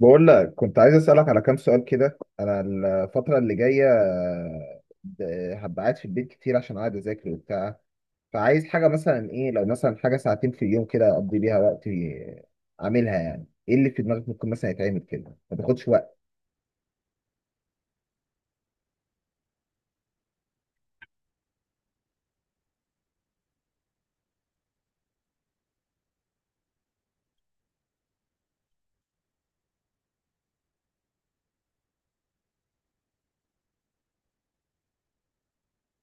بقول لك كنت عايز أسألك على كام سؤال كده. أنا الفترة اللي جاية هبقى قاعد في البيت كتير عشان قاعد أذاكر وبتاع. فعايز حاجة مثلا، إيه لو مثلا حاجة ساعتين في اليوم كده أقضي بيها وقت أعملها؟ يعني إيه اللي في دماغك ممكن مثلا يتعمل كده ما تاخدش وقت؟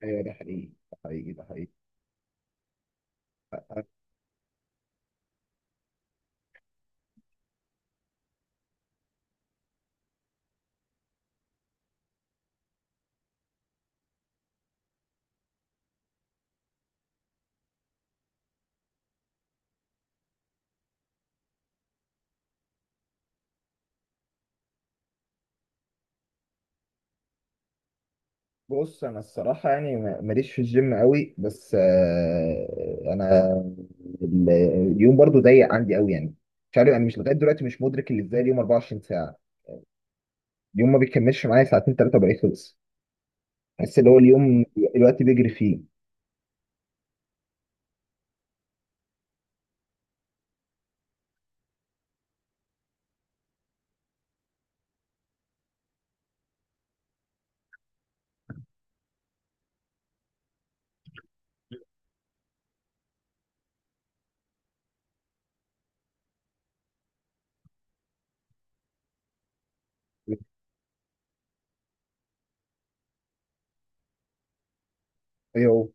أيوه، ده حقيقي ده حقيقي ده حقيقي. بص، أنا الصراحة يعني ماليش في الجيم قوي، بس أنا ال- اليوم برضو ضيق عندي قوي يعني. مش عارف، أنا مش لغاية دلوقتي مش مدرك اللي إزاي اليوم 24. اليوم ما بيكملش معايا ساعتين ثلاثة وبقيت خلص. بحس اللي هو اليوم الوقت بيجري فيه. ايوه،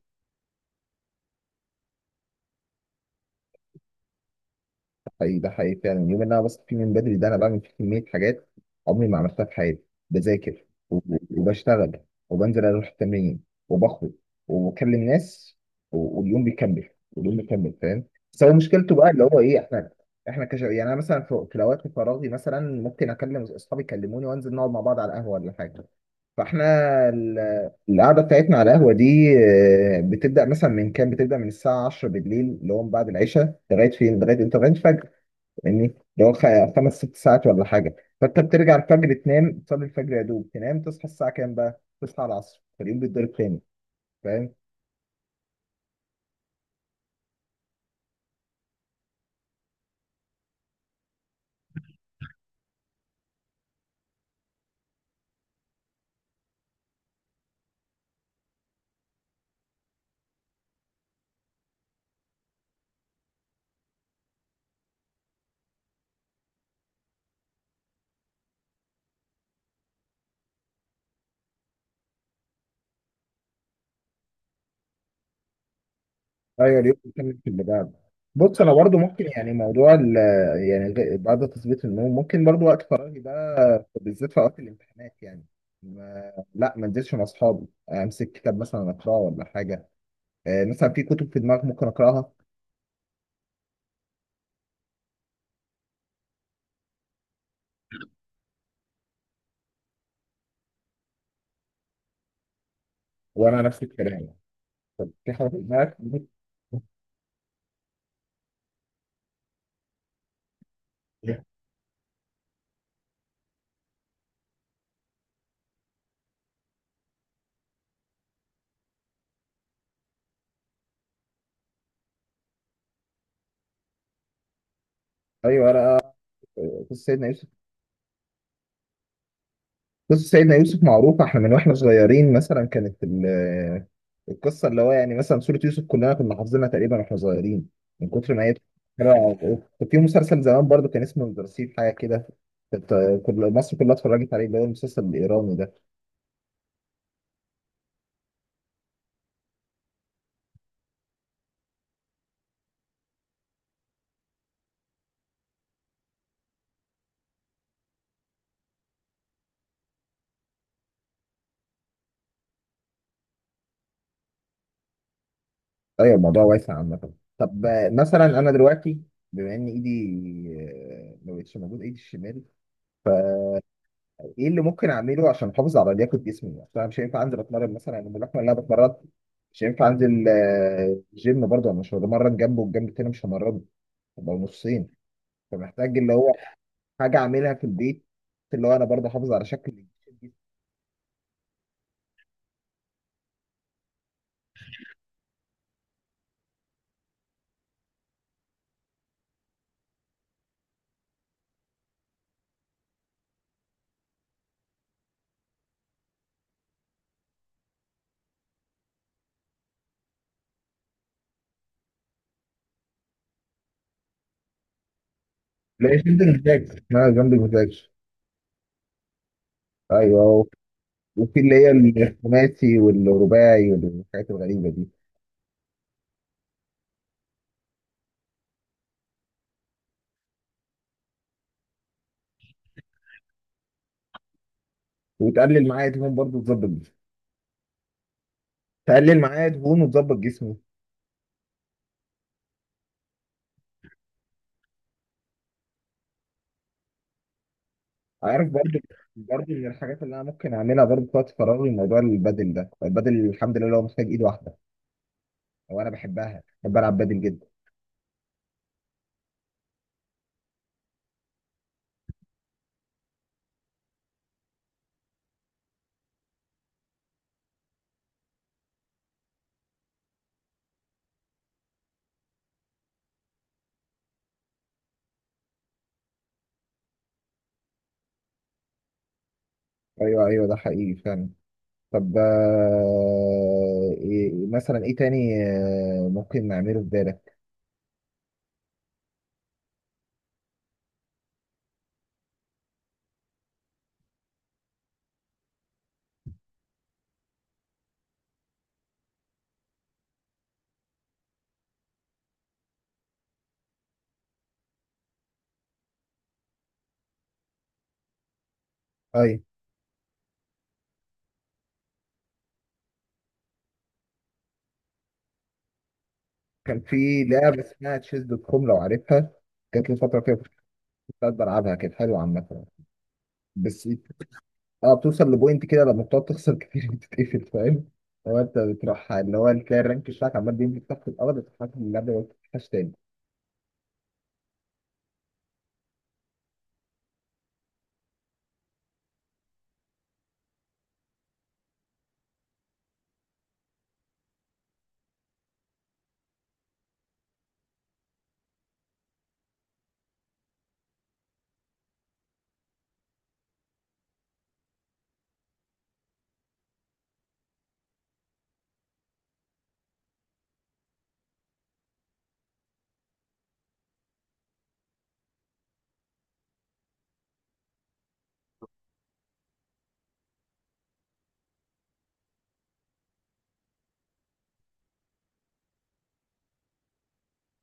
ده حقيقي ده حقيقي فعلا. اليوم اللي انا بصحى فيه من بدري ده انا بعمل فيه كمية حاجات عمري ما عملتها في حياتي. بذاكر و- وبشتغل وبنزل اروح التمرين وبخرج وبكلم ناس واليوم بيكمل واليوم بيكمل، فاهم؟ بس هو مشكلته بقى اللي هو ايه؟ يعني انا مثلا في الاوقات فراغي مثلا ممكن اكلم اصحابي يكلموني وانزل نقعد مع بعض على القهوة ولا حاجة. فاحنا ال- القعده بتاعتنا على القهوه دي بتبدا مثلا من كام، بتبدا من الساعه 10 بالليل اللي هو من بعد العشاء لغايه فين، لغايه الفجر. يعني اللي هو خمس ست ساعات ولا حاجه. فانت بترجع الفجر تنام، تصلي الفجر يا دوب تنام، تصحى الساعه كام بقى، تصحى العصر، فاليوم بيتضرب تاني. فاهم؟ ايوه، اليوم بيكمل في اللي بعده. بص انا برضو ممكن يعني موضوع ال يعني بعد تثبيت النوم ممكن برضو وقت فراغي ده بالذات في وقت الامتحانات يعني ما انزلش مع اصحابي، امسك كتاب مثلا اقراه ولا حاجه. مثلا في كتب في دماغك ممكن اقراها؟ وانا نفس الكلام. في حاجه في دماغك ممكن-؟ ايوه انا. قصه سيدنا يوسف. قصة سيدنا يوسف معروفة، احنا من واحنا صغيرين مثلا كانت القصة اللي هو يعني مثلا سورة يوسف كلنا كنا حافظينها تقريبا واحنا صغيرين، من كتر ما هي حلوة. كان في مسلسل زمان برضو كان اسمه الرصيف، حاجة كده، كانت كل مصر كلها اتفرجت عليه اللي هو المسلسل الإيراني ده. أيوة، الموضوع واسع عامة. طب مثلا أنا دلوقتي بما إن إيدي ما بقتش موجود، إيدي الشمال، ايه اللي ممكن اعمله عشان احافظ على لياقه جسمي؟ عشان انا مش هينفع انزل اتمرن مثلا، يعني اللحمه اللي انا بتمرن مش هينفع انزل جيم برضه، انا مش هتمرن جنبه والجنب التاني مش همرنه، هبقى نصين. فمحتاج اللي هو حاجه اعملها في البيت اللي هو انا برضه احافظ على شكل جسمي. لا، جنب المزاج، اسمها جنب المزاج. ايوه، وفي اللي هي الخماسي والرباعي والحاجات الغريبه دي. وتقلل معايا دهون برضه تظبط جسمي. تقلل معايا دهون وتظبط جسمي. عارف برضو. برضو من الحاجات اللي انا ممكن اعملها برضو في وقت فراغي موضوع البادل ده. البادل الحمد لله هو محتاج ايد واحده، وانا بحبها، بحب العب بادل جدا. ايوه ايوه، ده حقيقي فعلا. طب إيه مثلا، ايه تاني ممكن نعمله في بالك؟ ايوه، كان في لعبه اسمها تشيز دوت كوم لو عارفها، جات لي فتره كده كنت بلعبها، كانت حلوه عامه. بس اه، بتوصل لبوينت كده لما بتقعد تخسر كتير بتتقفل، فاهم؟ هو انت بتروح اللي هو تلاقي الرانك بتاعك عمال بينزل تحت الارض، بتتحسن من اللعبه، ما بتفتحش تاني.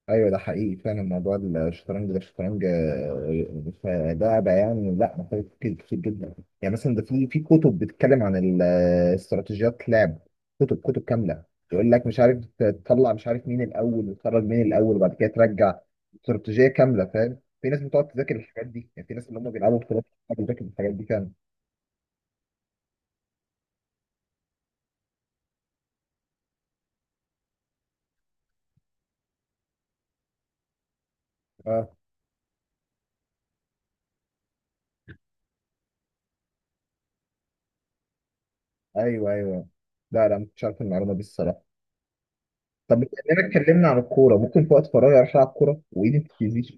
ايوه، ده حقيقي فعلا. موضوع الشطرنج ده، الشطرنج فلعبه يعني لا، محتاج تفكير كتير جدا. يعني مثلا ده في كتب بتتكلم عن استراتيجيات لعب، كتب كتب كامله، يقول لك مش عارف تطلع، مش عارف مين الاول وتخرج مين الاول وبعد كده ترجع، استراتيجيه كامله فاهم. في ناس بتقعد تذاكر الحاجات دي، يعني في ناس اللي هم بيلعبوا بطولات بتذاكر الحاجات دي فعلا. اه، ايوه ايوه. لا لا، ما كنتش عارف المعلومه دي الصراحه. طب بما اننا اتكلمنا عن الكوره، ممكن في وقت فراغي اروح العب كوره وايدي ما بتتاذيش؟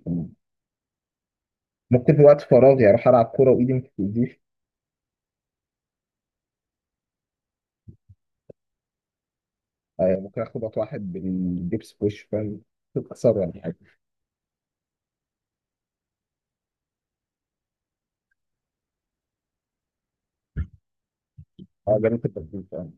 ممكن في وقت فراغي اروح العب كوره وايدي ما بتتاذيش. ممكن اخبط واحد بالجبس في وشه، فاهم، تتكسر ولا حاجه. اه، جربت التدريب فاهم.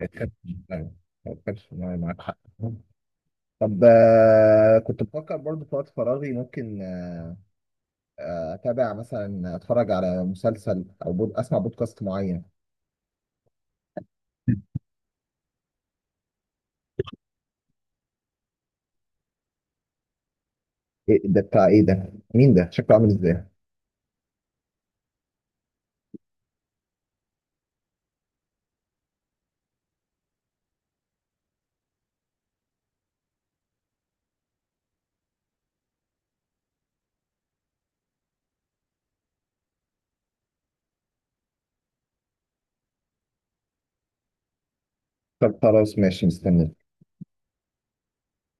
ما كانش- لا، ما كانش معايا- معاك حق. طب كنت بفكر برضه في وقت فراغي ممكن اتابع، مثلا اتفرج على مسلسل او اسمع بودكاست معين. إيه ده؟ بتاع ايه ده؟ مين ده؟ شكله عامل ازاي؟ طب خلاص ماشي، مستني.